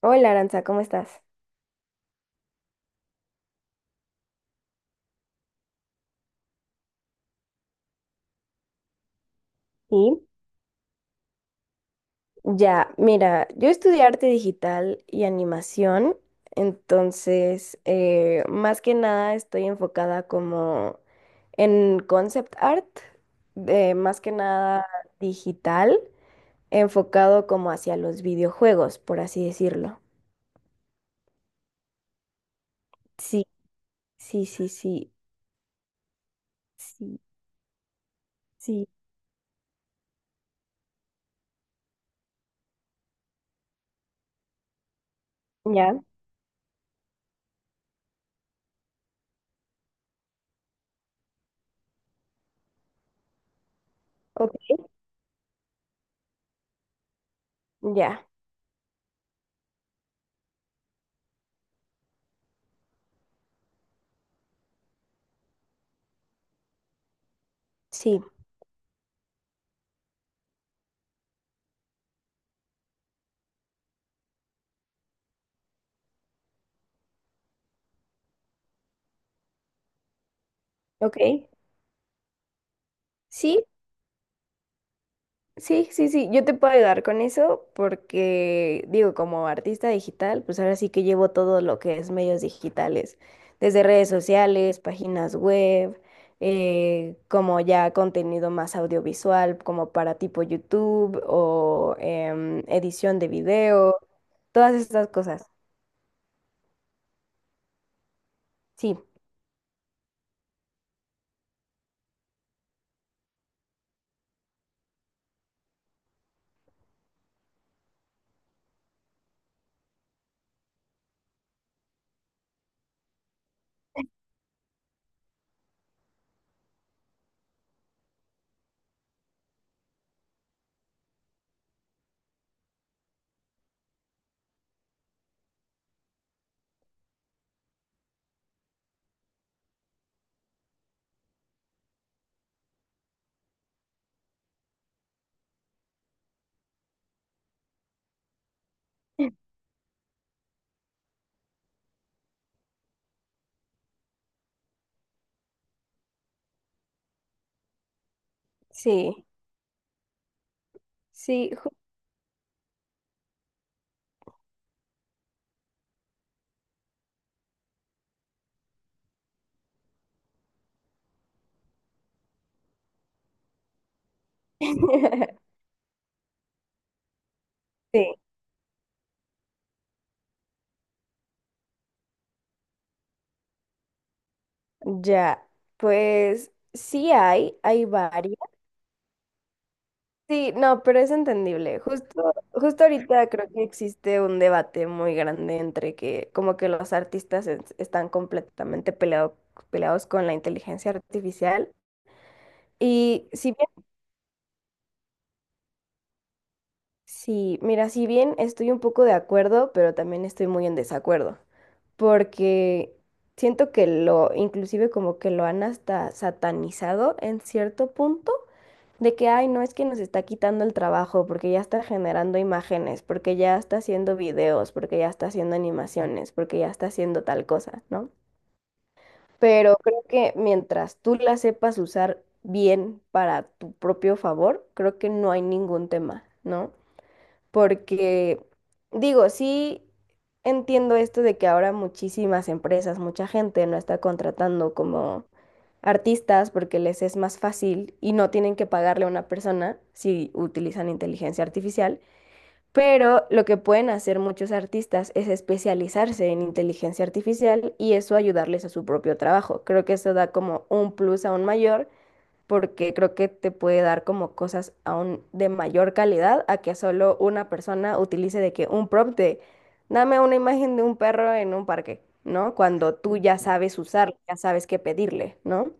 Hola Aranza, ¿cómo estás? Sí, ya, mira, yo estudié arte digital y animación, entonces más que nada estoy enfocada como en concept art, de más que nada digital, enfocado como hacia los videojuegos, por así decirlo. Sí, sí, sí, sí, sí, sí. Ya, ok, ya, sí, ok, sí, sí, sí, sí, yo te puedo ayudar con eso porque, digo, como artista digital, pues ahora sí que llevo todo lo que es medios digitales, desde redes sociales, páginas web, como ya contenido más audiovisual, como para tipo YouTube o edición de video, todas estas cosas. Sí, sí, sí. Sí, ya, pues sí hay, varios. Sí, no, pero es entendible. Justo ahorita creo que existe un debate muy grande entre que como que los artistas están peleados con la inteligencia artificial. Y si bien Sí, mira, si bien estoy un poco de acuerdo, pero también estoy muy en desacuerdo, porque siento que lo, inclusive como que lo han hasta satanizado en cierto punto, de que, ay, no es que nos está quitando el trabajo, porque ya está generando imágenes, porque ya está haciendo videos, porque ya está haciendo animaciones, porque ya está haciendo tal cosa, ¿no? Pero creo que mientras tú la sepas usar bien para tu propio favor, creo que no hay ningún tema, ¿no? Porque digo, sí entiendo esto de que ahora muchísimas empresas, mucha gente no está contratando como artistas porque les es más fácil y no tienen que pagarle a una persona si utilizan inteligencia artificial, pero lo que pueden hacer muchos artistas es especializarse en inteligencia artificial y eso ayudarles a su propio trabajo. Creo que eso da como un plus aún mayor porque creo que te puede dar como cosas aún de mayor calidad a que solo una persona utilice de que un prompt de dame una imagen de un perro en un parque, ¿no? Cuando tú ya sabes usarlo, ya sabes qué pedirle, ¿no?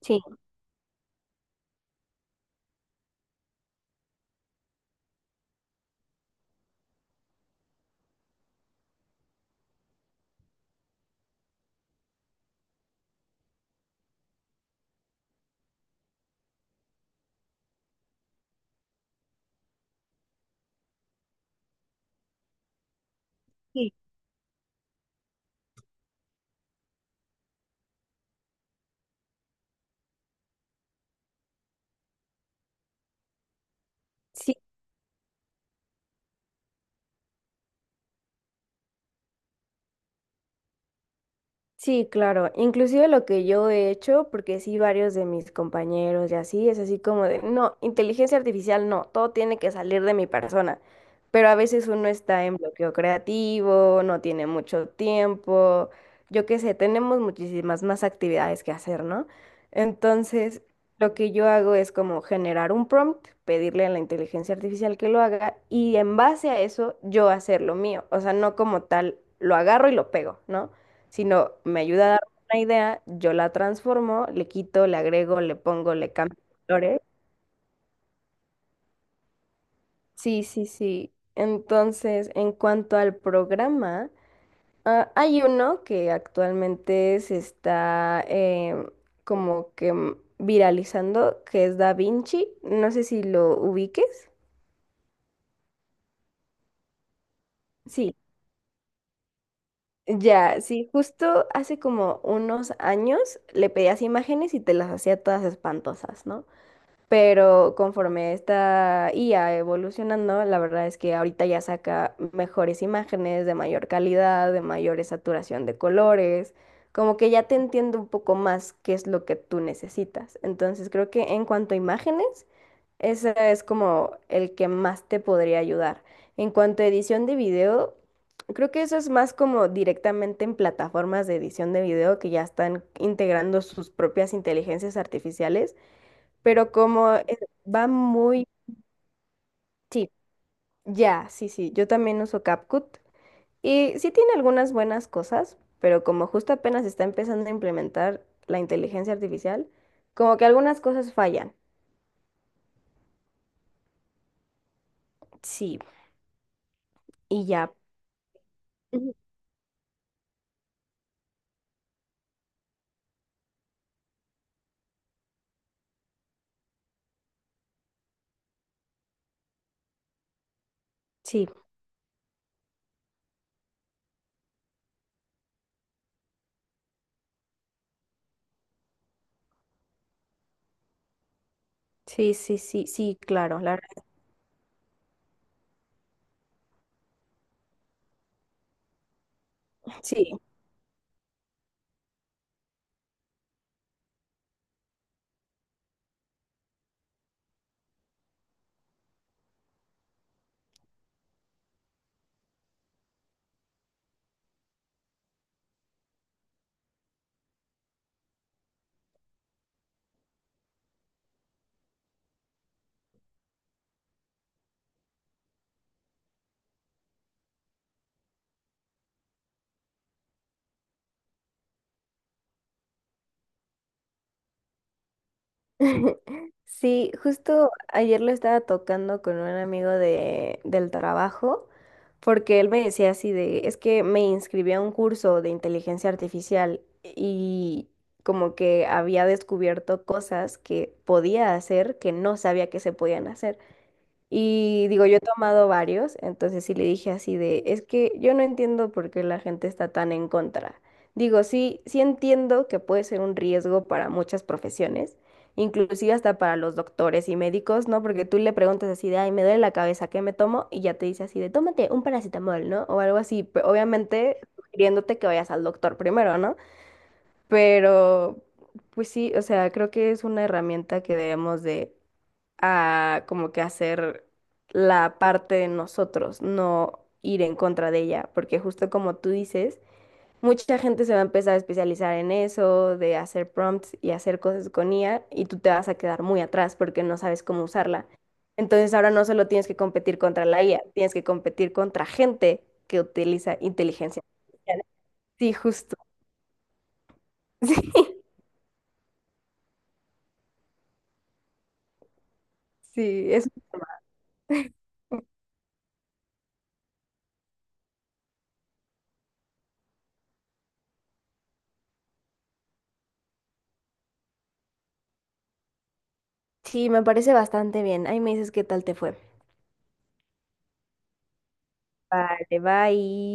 Sí, sí. Sí, claro. Inclusive lo que yo he hecho, porque sí varios de mis compañeros y así, es así como de, no, inteligencia artificial no, todo tiene que salir de mi persona. Pero a veces uno está en bloqueo creativo, no tiene mucho tiempo, yo qué sé, tenemos muchísimas más actividades que hacer, ¿no? Entonces, lo que yo hago es como generar un prompt, pedirle a la inteligencia artificial que lo haga y en base a eso yo hacer lo mío, o sea, no como tal, lo agarro y lo pego, ¿no? Sino me ayuda a dar una idea, yo la transformo, le quito, le agrego, le pongo, le cambio colores. Sí, sí, sí. Entonces, en cuanto al programa, ah, hay uno que actualmente se está como que viralizando, que es Da Vinci. No sé si lo ubiques. Sí, ya, sí, justo hace como unos años le pedías imágenes y te las hacía todas espantosas, ¿no? Pero conforme esta IA evolucionando, la verdad es que ahorita ya saca mejores imágenes de mayor calidad, de mayor saturación de colores, como que ya te entiendo un poco más qué es lo que tú necesitas. Entonces creo que en cuanto a imágenes, ese es como el que más te podría ayudar. En cuanto a edición de video, creo que eso es más como directamente en plataformas de edición de video que ya están integrando sus propias inteligencias artificiales, pero como va muy... Sí, ya, sí, sí, yo también uso CapCut y sí tiene algunas buenas cosas, pero como justo apenas está empezando a implementar la inteligencia artificial, como que algunas cosas fallan. Sí, y ya. Ujú. Sí, sí, sí, sí, sí, claro, la verdad, sí. Sí, justo ayer lo estaba tocando con un amigo de, del trabajo, porque él me decía así de, es que me inscribí a un curso de inteligencia artificial y como que había descubierto cosas que podía hacer que no sabía que se podían hacer. Y digo, yo he tomado varios, entonces sí le dije así de, es que yo no entiendo por qué la gente está tan en contra. Digo, sí, sí entiendo que puede ser un riesgo para muchas profesiones, inclusive hasta para los doctores y médicos, ¿no? Porque tú le preguntas así de, ay, me duele la cabeza, ¿qué me tomo? Y ya te dice así de, tómate un paracetamol, ¿no? O algo así, obviamente sugiriéndote que vayas al doctor primero, ¿no? Pero, pues sí, o sea, creo que es una herramienta que debemos de a como que hacer la parte de nosotros, no ir en contra de ella, porque justo como tú dices, mucha gente se va a empezar a especializar en eso, de hacer prompts y hacer cosas con IA, y tú te vas a quedar muy atrás porque no sabes cómo usarla. Entonces ahora no solo tienes que competir contra la IA, tienes que competir contra gente que utiliza inteligencia artificial. Sí, justo. Sí, sí, es... Sí, me parece bastante bien. Ahí me dices qué tal te fue. Vale, bye.